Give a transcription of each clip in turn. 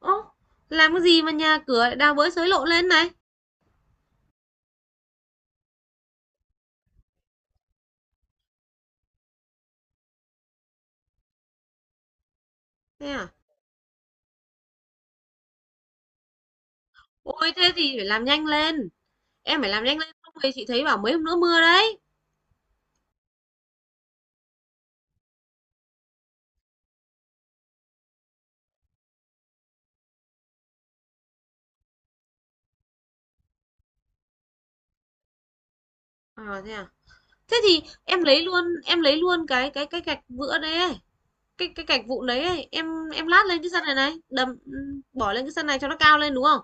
Ô, làm cái gì mà nhà cửa lại đào bới xới lộ lên này? Thế à? Ôi, thế thì phải làm nhanh lên. Em phải làm nhanh lên không thì chị thấy bảo mấy hôm nữa mưa đấy. À? Thế thì em lấy luôn cái gạch vữa đấy ấy. Cái gạch vụn đấy ấy. Em lát lên cái sân này này, đầm bỏ lên cái sân này cho nó cao lên đúng không?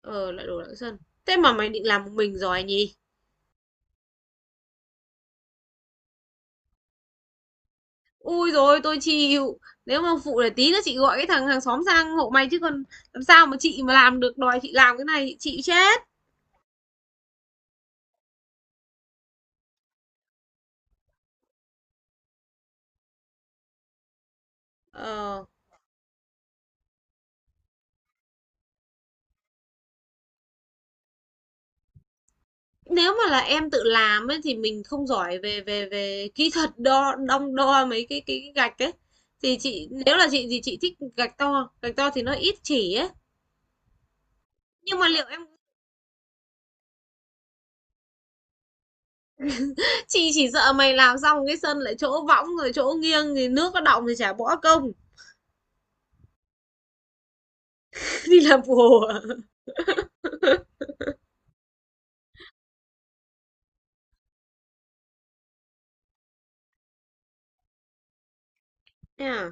Ờ, lại đổ lại cái sân. Thế mà mày định làm một mình rồi nhỉ? Ui rồi tôi chịu. Nếu mà phụ để tí nữa chị gọi cái thằng hàng xóm sang hộ mày chứ còn làm sao mà chị mà làm được đòi chị làm cái này chị chịu chết. Ờ, nếu mà là em tự làm ấy thì mình không giỏi về về về kỹ thuật đo đong đo mấy cái gạch ấy thì chị nếu là chị thì chị thích gạch to gạch to thì nó ít chỉ ấy nhưng mà liệu em chị chỉ sợ mày làm xong cái sân lại chỗ võng rồi chỗ nghiêng thì nước nó đọng thì chả bỏ công. Đi làm bùa. Thế à?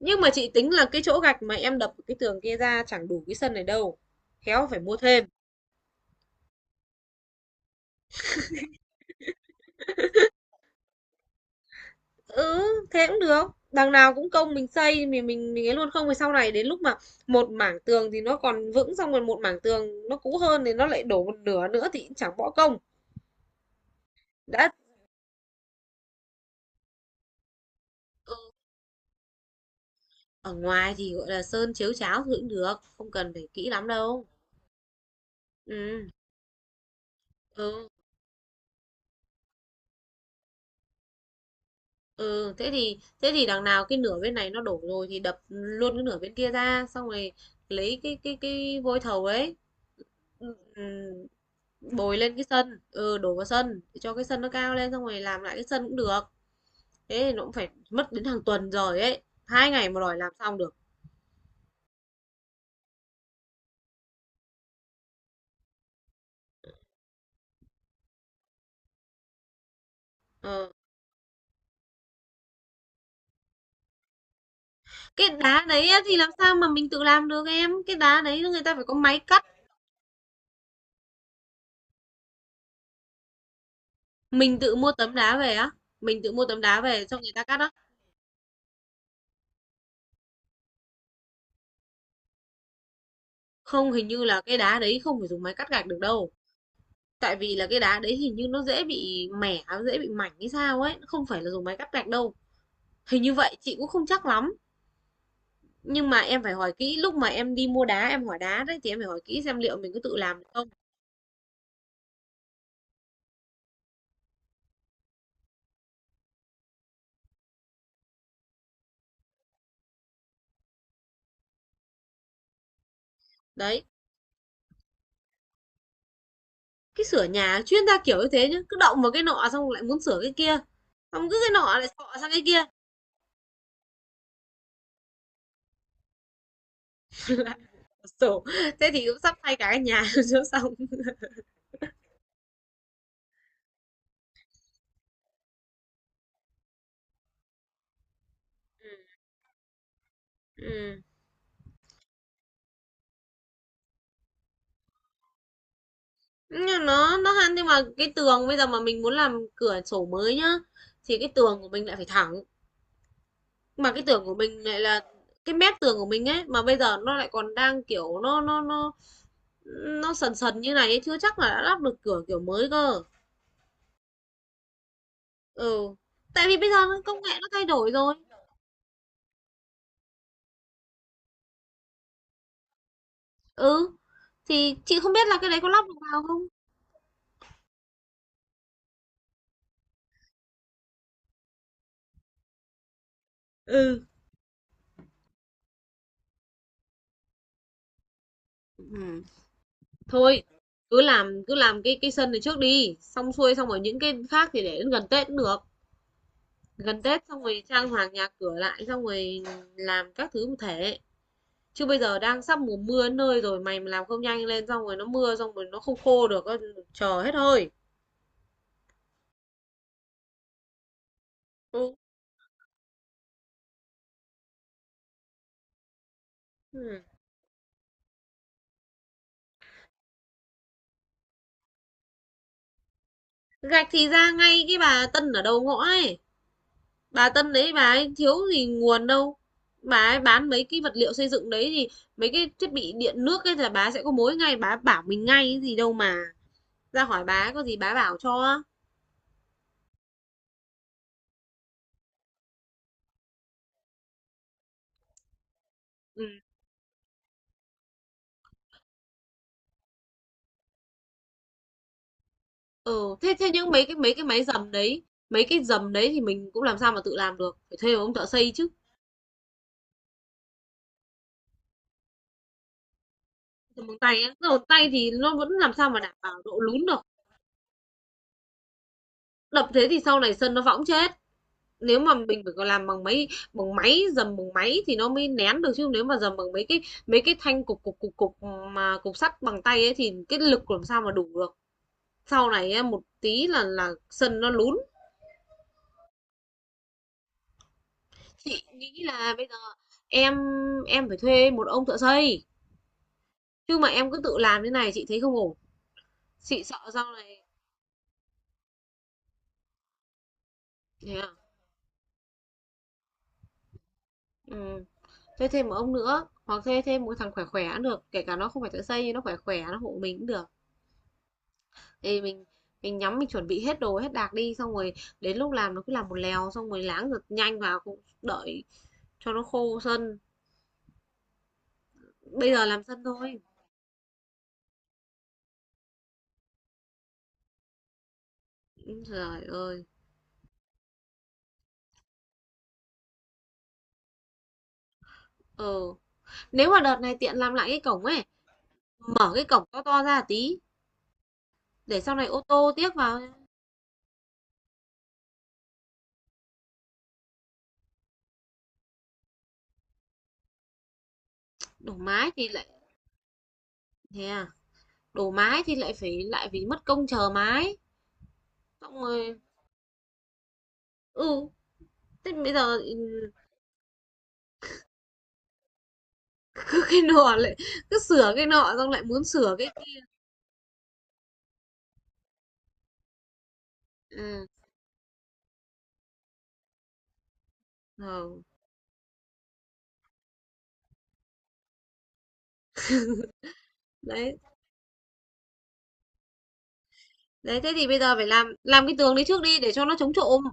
Nhưng mà chị tính là cái chỗ gạch mà em đập cái tường kia ra chẳng đủ cái sân này đâu, khéo phải mua thêm. Ừ, thế cũng được. Đằng nào cũng công mình xây mình ấy luôn không thì sau này đến lúc mà một mảng tường thì nó còn vững xong rồi một mảng tường nó cũ hơn thì nó lại đổ một nửa nữa thì cũng chẳng bỏ công. Đã. Ừ, ở ngoài thì gọi là sơn chiếu cháo thì cũng được không cần phải kỹ lắm đâu. Ừ. Ừ, ừ thế thì đằng nào cái nửa bên này nó đổ rồi thì đập luôn cái nửa bên kia ra xong rồi lấy cái cái vôi thầu ấy. Ừ, bồi lên cái sân, ừ, đổ vào sân để cho cái sân nó cao lên xong rồi làm lại cái sân cũng được. Thế thì nó cũng phải mất đến hàng tuần rồi ấy, hai ngày mà đòi làm xong được. Ờ. Cái đá đấy á thì làm sao mà mình tự làm được em, cái đá đấy người ta phải có máy cắt. Mình tự mua tấm đá về á? Mình tự mua tấm đá về cho người ta cắt á? Không, hình như là cái đá đấy không phải dùng máy cắt gạch được đâu. Tại vì là cái đá đấy hình như nó dễ bị mẻ dễ bị mảnh hay sao ấy, nó không phải là dùng máy cắt gạch đâu, hình như vậy chị cũng không chắc lắm. Nhưng mà em phải hỏi kỹ lúc mà em đi mua đá, em hỏi đá đấy thì em phải hỏi kỹ xem liệu mình có tự làm được không. Đấy, cái sửa nhà chuyên gia kiểu như thế nhá, cứ động vào cái nọ xong lại muốn sửa cái kia, xong cứ cái nọ lại sọ sang cái kia. Lại sổ. Thế thì cũng sắp thay cả cái nhà cho xong. Ừ. Nhưng nó hăn nhưng mà cái tường bây giờ mà mình muốn làm cửa sổ mới nhá thì cái tường của mình lại phải thẳng, mà cái tường của mình lại là cái mép tường của mình ấy mà bây giờ nó lại còn đang kiểu Nó sần sần như này ấy, chưa chắc là đã lắp được cửa kiểu mới cơ. Ừ, tại vì bây giờ công nghệ nó thay đổi rồi. Ừ, thì chị không biết là cái đấy có lắp được vào không? Ừ. Ừ. Thôi, cứ làm cái sân này trước đi, xong xuôi xong rồi những cái khác thì để đến gần Tết cũng được. Gần Tết xong rồi trang hoàng nhà cửa lại xong rồi làm các thứ một thể. Chứ bây giờ đang sắp mùa mưa đến nơi rồi, mày mà làm không nhanh lên xong rồi nó mưa xong rồi nó không khô được, ơ, chờ hết hơi. Ừ. Ừ. Gạch thì ra ngay cái bà Tân ở đầu ngõ ấy. Bà Tân đấy bà ấy thiếu gì nguồn đâu. Bà ấy bán mấy cái vật liệu xây dựng đấy thì mấy cái thiết bị điện nước ấy là bà sẽ có mối ngay, bà bảo mình ngay cái gì đâu mà. Ra hỏi bà có gì bà bảo cho. Ừ. Ừ, thế thế nhưng mấy cái máy dầm đấy, mấy cái dầm đấy thì mình cũng làm sao mà tự làm được, phải thuê một ông thợ xây chứ. Dầm bằng tay á, dầm bằng tay thì nó vẫn làm sao mà đảm bảo độ lún được. Đập thế thì sau này sân nó võng chết. Nếu mà mình phải còn làm bằng máy, dầm bằng máy thì nó mới nén được, chứ nếu mà dầm bằng mấy cái thanh cục cục cục cục mà cục sắt bằng tay ấy thì cái lực làm sao mà đủ được. Sau này một tí là sân nó lún. Chị nghĩ là bây giờ em em phải thuê một ông thợ xây, chứ mà em cứ tự làm thế này chị thấy không ổn. Chị sợ sau này. Thế à? Ừ. Thuê thêm một ông nữa hoặc thuê thêm một thằng khỏe khỏe cũng được, kể cả nó không phải thợ xây nhưng nó khỏe khỏe nó hộ mình cũng được. Thì mình, nhắm mình chuẩn bị hết đồ, hết đạc đi, xong rồi đến lúc làm nó cứ làm một lèo, xong rồi láng giật nhanh vào, cũng đợi cho nó khô sân. Bây giờ làm sân thôi. Ừ, Trời ơi. Ừ. Nếu mà đợt này tiện làm lại cái cổng ấy, mở cái cổng to to ra tí, để sau này ô tô tiếc vào. Đổ mái thì lại, thế à, đổ mái thì lại phải mất công chờ mái. Xong rồi, ừ, thế bây giờ, ừ, cái nọ lại, cứ sửa cái nọ, xong lại muốn sửa cái... Ừ, ừ. Đấy. Đấy, thế thì bây giờ phải làm cái tường đấy trước đi để cho nó chống trộm.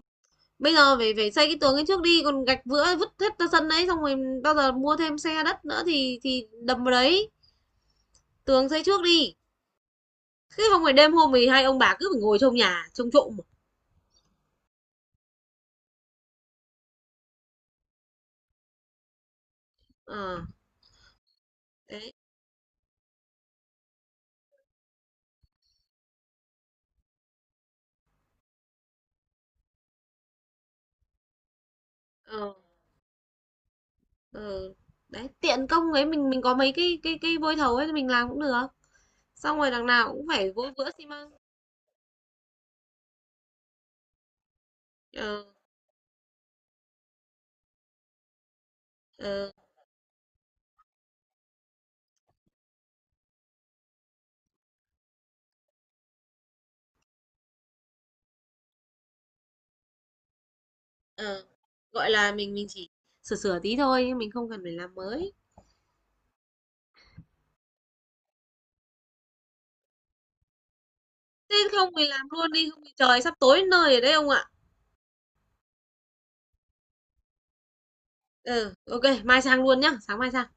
Bây giờ phải phải xây cái tường ấy trước đi, còn gạch vữa vứt hết ra sân đấy xong rồi bao giờ mua thêm xe đất nữa thì đầm vào đấy, tường xây trước đi. Chứ không phải đêm hôm thì hai ông bà cứ phải ngồi trong nhà trông trộm. Ờ, à, đấy. Ờ, ờ. Đấy, tiện công ấy mình có mấy cái cái vôi thầu ấy thì mình làm cũng được. Xong rồi đằng nào cũng phải vôi vữa xi măng. Ờ, ờ, ờ. Gọi là mình chỉ sửa sửa tí thôi, nhưng mình không cần phải làm mới. Thế không thì làm luôn đi, không thì trời sắp tối nơi ở đấy ông ạ. Ừ, ô mai sang luôn nhá, sáng mai sang.